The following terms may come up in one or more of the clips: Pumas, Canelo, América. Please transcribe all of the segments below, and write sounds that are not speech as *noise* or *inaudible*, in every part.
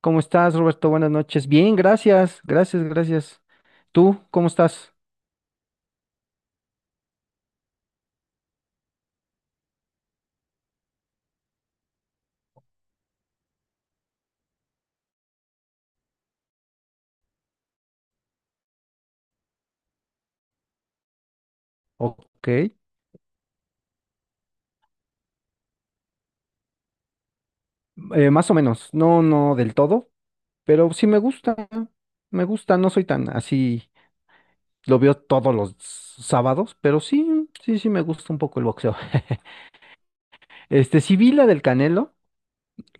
¿Cómo estás, Roberto? Buenas noches. Bien, gracias, gracias, gracias. ¿Tú cómo estás? Ok, más o menos, no, no del todo, pero sí me gusta, no soy tan así, lo veo todos los sábados, pero sí, sí, sí me gusta un poco el boxeo. *laughs* Sí vi la del Canelo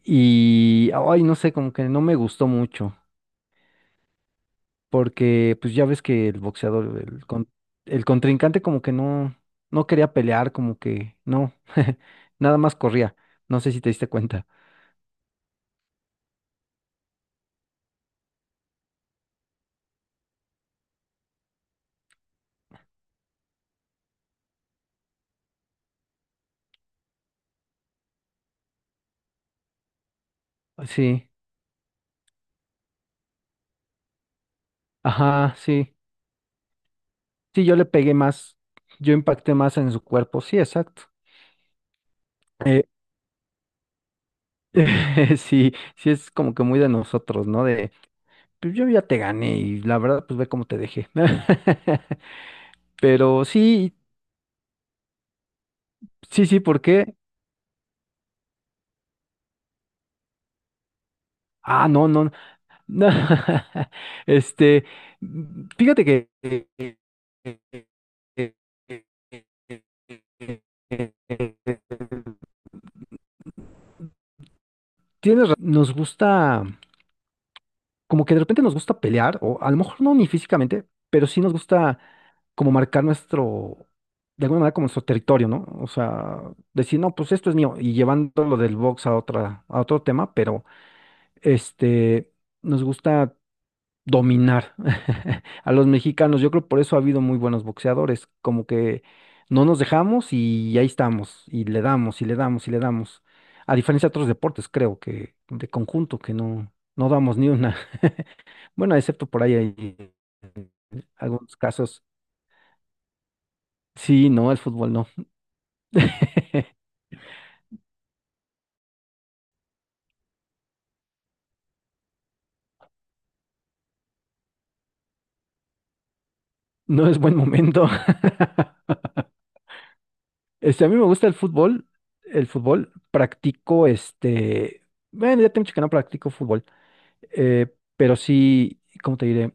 y, ay, no sé, como que no me gustó mucho. Porque pues ya ves que el boxeador, el contrincante como que no, no quería pelear, como que no, *laughs* nada más corría, no sé si te diste cuenta. Sí, ajá, sí, sí, yo le pegué más, yo impacté más en su cuerpo, sí, exacto. Eh, *laughs* sí, sí es como que muy de nosotros, ¿no? De, pues yo ya te gané y la verdad, pues ve cómo te dejé. *laughs* Pero sí, sí, ¿por qué? Ah, no, no. No, *laughs* este, mm, fíjate que eh, eh, eh, eh, eh, eh, eh, eh, eh, eh, eh, nos gusta, como que de repente nos gusta pelear, o a lo mejor no ni físicamente, pero sí nos gusta como marcar nuestro, de alguna manera como nuestro territorio, ¿no? O sea, decir, no, pues esto es mío, y llevándolo del box a otra, a otro tema, pero este, nos gusta dominar *laughs* a los mexicanos. Yo creo por eso ha habido muy buenos boxeadores, como que no nos dejamos y ahí estamos, y le damos, y le damos, y le damos. A diferencia de otros deportes, creo que de conjunto, que no, no damos ni una. *laughs* Bueno, excepto por ahí hay algunos casos. Sí, no, el fútbol no. No es buen momento. *laughs* Este, a mí me gusta el fútbol, practico este, bueno, ya tengo mucho que no practico fútbol, pero sí, ¿cómo te diré?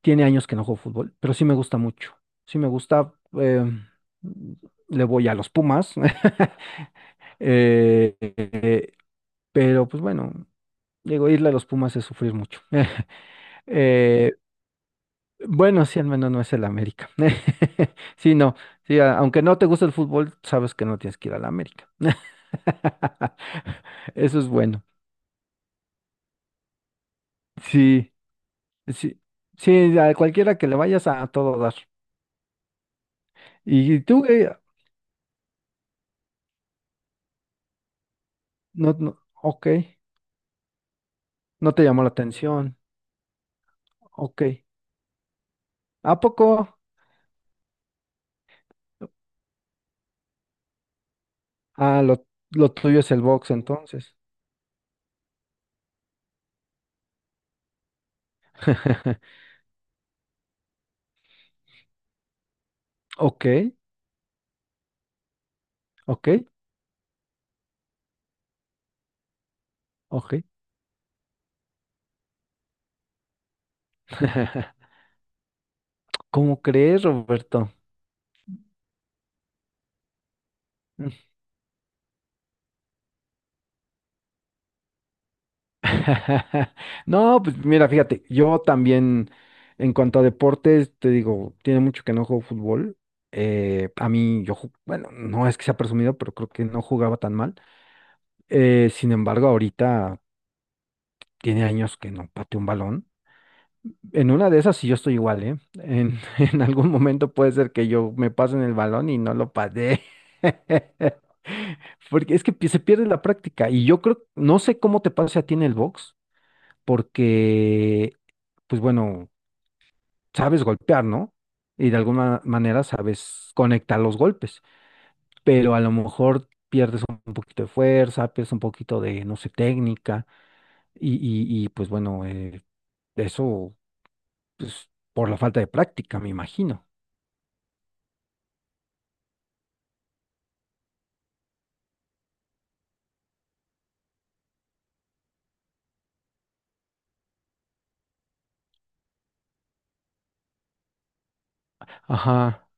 Tiene años que no juego fútbol, pero sí me gusta mucho. Sí me gusta. eh, le voy a los Pumas. *laughs* eh, pero pues bueno, digo, irle a los Pumas es sufrir mucho. *laughs* Eh, bueno, sí, al menos no es el América. *laughs* Sí, no. Sí, aunque no te gusta el fútbol, sabes que no tienes que ir al América. *laughs* Eso es bueno. Sí, sí, sí, a cualquiera que le vayas a, todo dar. Y tú, no, no, ok, no te llamó la atención. Ok. ¿A poco? Ah, lo tuyo es el box entonces. *laughs* Ok, ok, ok. *laughs* ¿Cómo crees, Roberto? *laughs* No, pues mira, fíjate, yo también en cuanto a deportes, te digo, tiene mucho que no juego fútbol. A mí, yo, bueno, no es que sea presumido, pero creo que no jugaba tan mal. Sin embargo, ahorita tiene años que no pateo un balón. En una de esas sí yo estoy igual, ¿eh? En, *laughs* en algún momento puede ser que yo me pasen el balón y no lo pasé. *laughs* Porque es que se pierde la práctica. Y yo creo, no sé cómo te pase a ti en el box, porque, pues bueno, sabes golpear, ¿no? Y de alguna manera sabes conectar los golpes. Pero a lo mejor un poquito de fuerza, pues un poquito de, no sé, técnica. Y, pues bueno, eso, pues por la falta de práctica, me imagino. Ajá,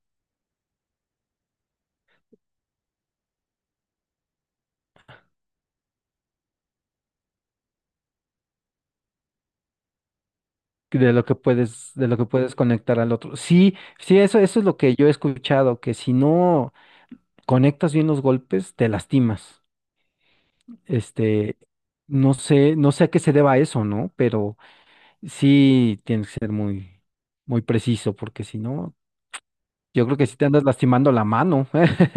de lo que puedes, de lo que puedes conectar al otro. Sí, sí, eso es lo que yo he escuchado, que si no conectas bien los golpes, te lastimas. Este, no sé, no sé a qué se deba eso, ¿no? Pero sí tienes que ser muy, muy preciso, porque si no, yo creo que sí te andas lastimando la mano. *laughs*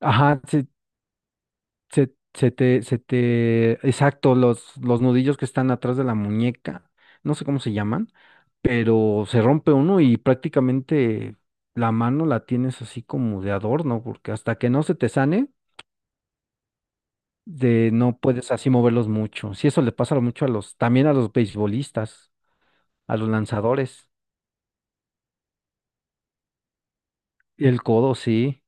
Ajá, sí, se te, exacto, los nudillos que están atrás de la muñeca, no sé cómo se llaman, pero se rompe uno y prácticamente la mano la tienes así como de adorno, porque hasta que no se te sane, de, no puedes así moverlos mucho. Sí, eso le pasa mucho a los, también a los beisbolistas, a los lanzadores. El codo, sí.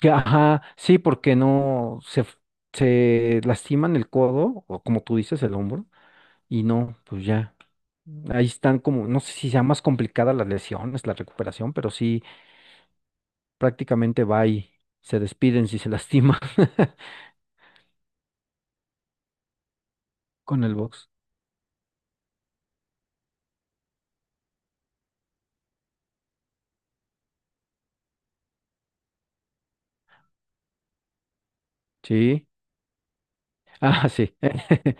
Que, ajá, sí, porque no se, se lastiman el codo, o como tú dices, el hombro. Y no, pues ya. Ahí están como, no sé si sea más complicada las lesiones, la recuperación, pero sí, prácticamente va y se despiden si se lastima *laughs* con el box. Sí. Ah, sí. *laughs*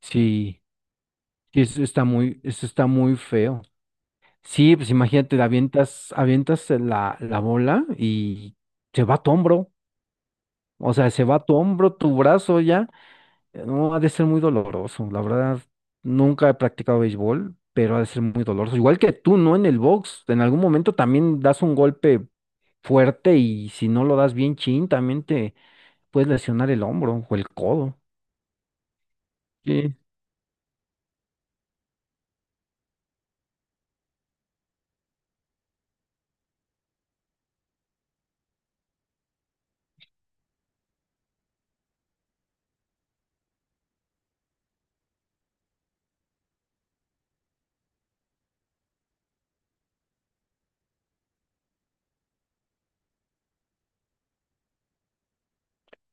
Sí, sí, eso está muy feo. Sí, pues imagínate, la avientas, avientas la bola y se va a tu hombro. O sea, se va a tu hombro, tu brazo ya. No, ha de ser muy doloroso. La verdad, nunca he practicado béisbol, pero ha de ser muy doloroso. Igual que tú, ¿no? En el box, en algún momento también das un golpe fuerte y si no lo das bien chin, también te puedes lesionar el hombro o el codo. Sí.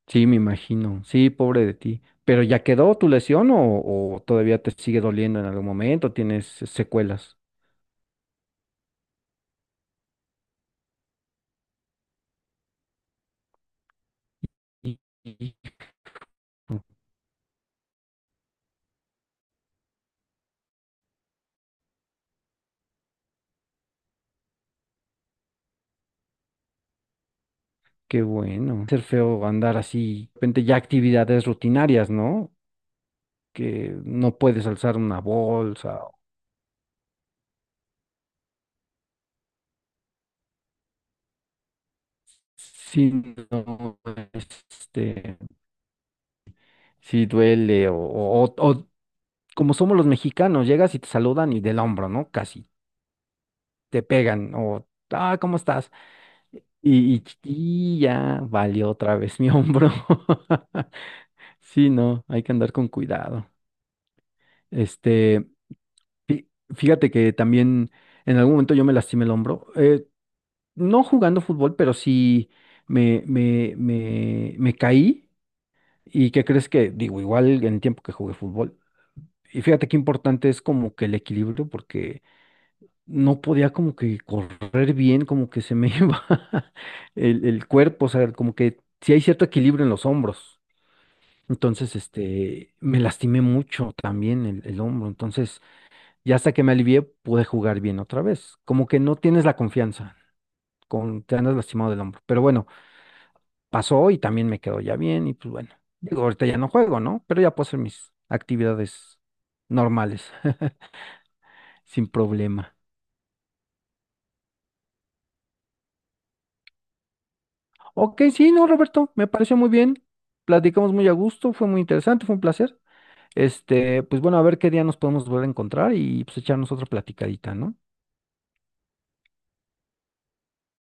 Sí, me imagino. Sí, pobre de ti. ¿Pero ya quedó tu lesión o todavía te sigue doliendo en algún momento? ¿Tienes secuelas? Y- y- Qué bueno. Ser feo andar así, de repente ya actividades rutinarias, ¿no? Que no puedes alzar una bolsa, si no, este, si duele, o como somos los mexicanos, llegas y te saludan y del hombro, ¿no? Casi te pegan, o, ah, ¿cómo estás? Y, y ya valió otra vez mi hombro. *laughs* Sí, no, hay que andar con cuidado. Este, fí- fíjate que también en algún momento yo me lastimé el hombro, no jugando fútbol, pero sí me, me caí. ¿Y qué crees que, digo, igual en el tiempo que jugué fútbol? Y fíjate qué importante es como que el equilibrio, porque no podía como que correr bien, como que se me *laughs* iba el cuerpo, o sea, como que sí hay cierto equilibrio en los hombros. Entonces, este, me lastimé mucho también el hombro. Entonces, ya hasta que me alivié, pude jugar bien otra vez. Como que no tienes la confianza, con, te andas lastimado del hombro. Pero bueno, pasó y también me quedó ya bien y pues bueno, digo, ahorita ya no juego, ¿no? Pero ya puedo hacer mis actividades normales, *laughs* sin problema. Ok, sí, no, Roberto, me pareció muy bien. Platicamos muy a gusto, fue muy interesante, fue un placer. Este, pues bueno, a ver qué día nos podemos volver a encontrar y pues echarnos otra platicadita, ¿no?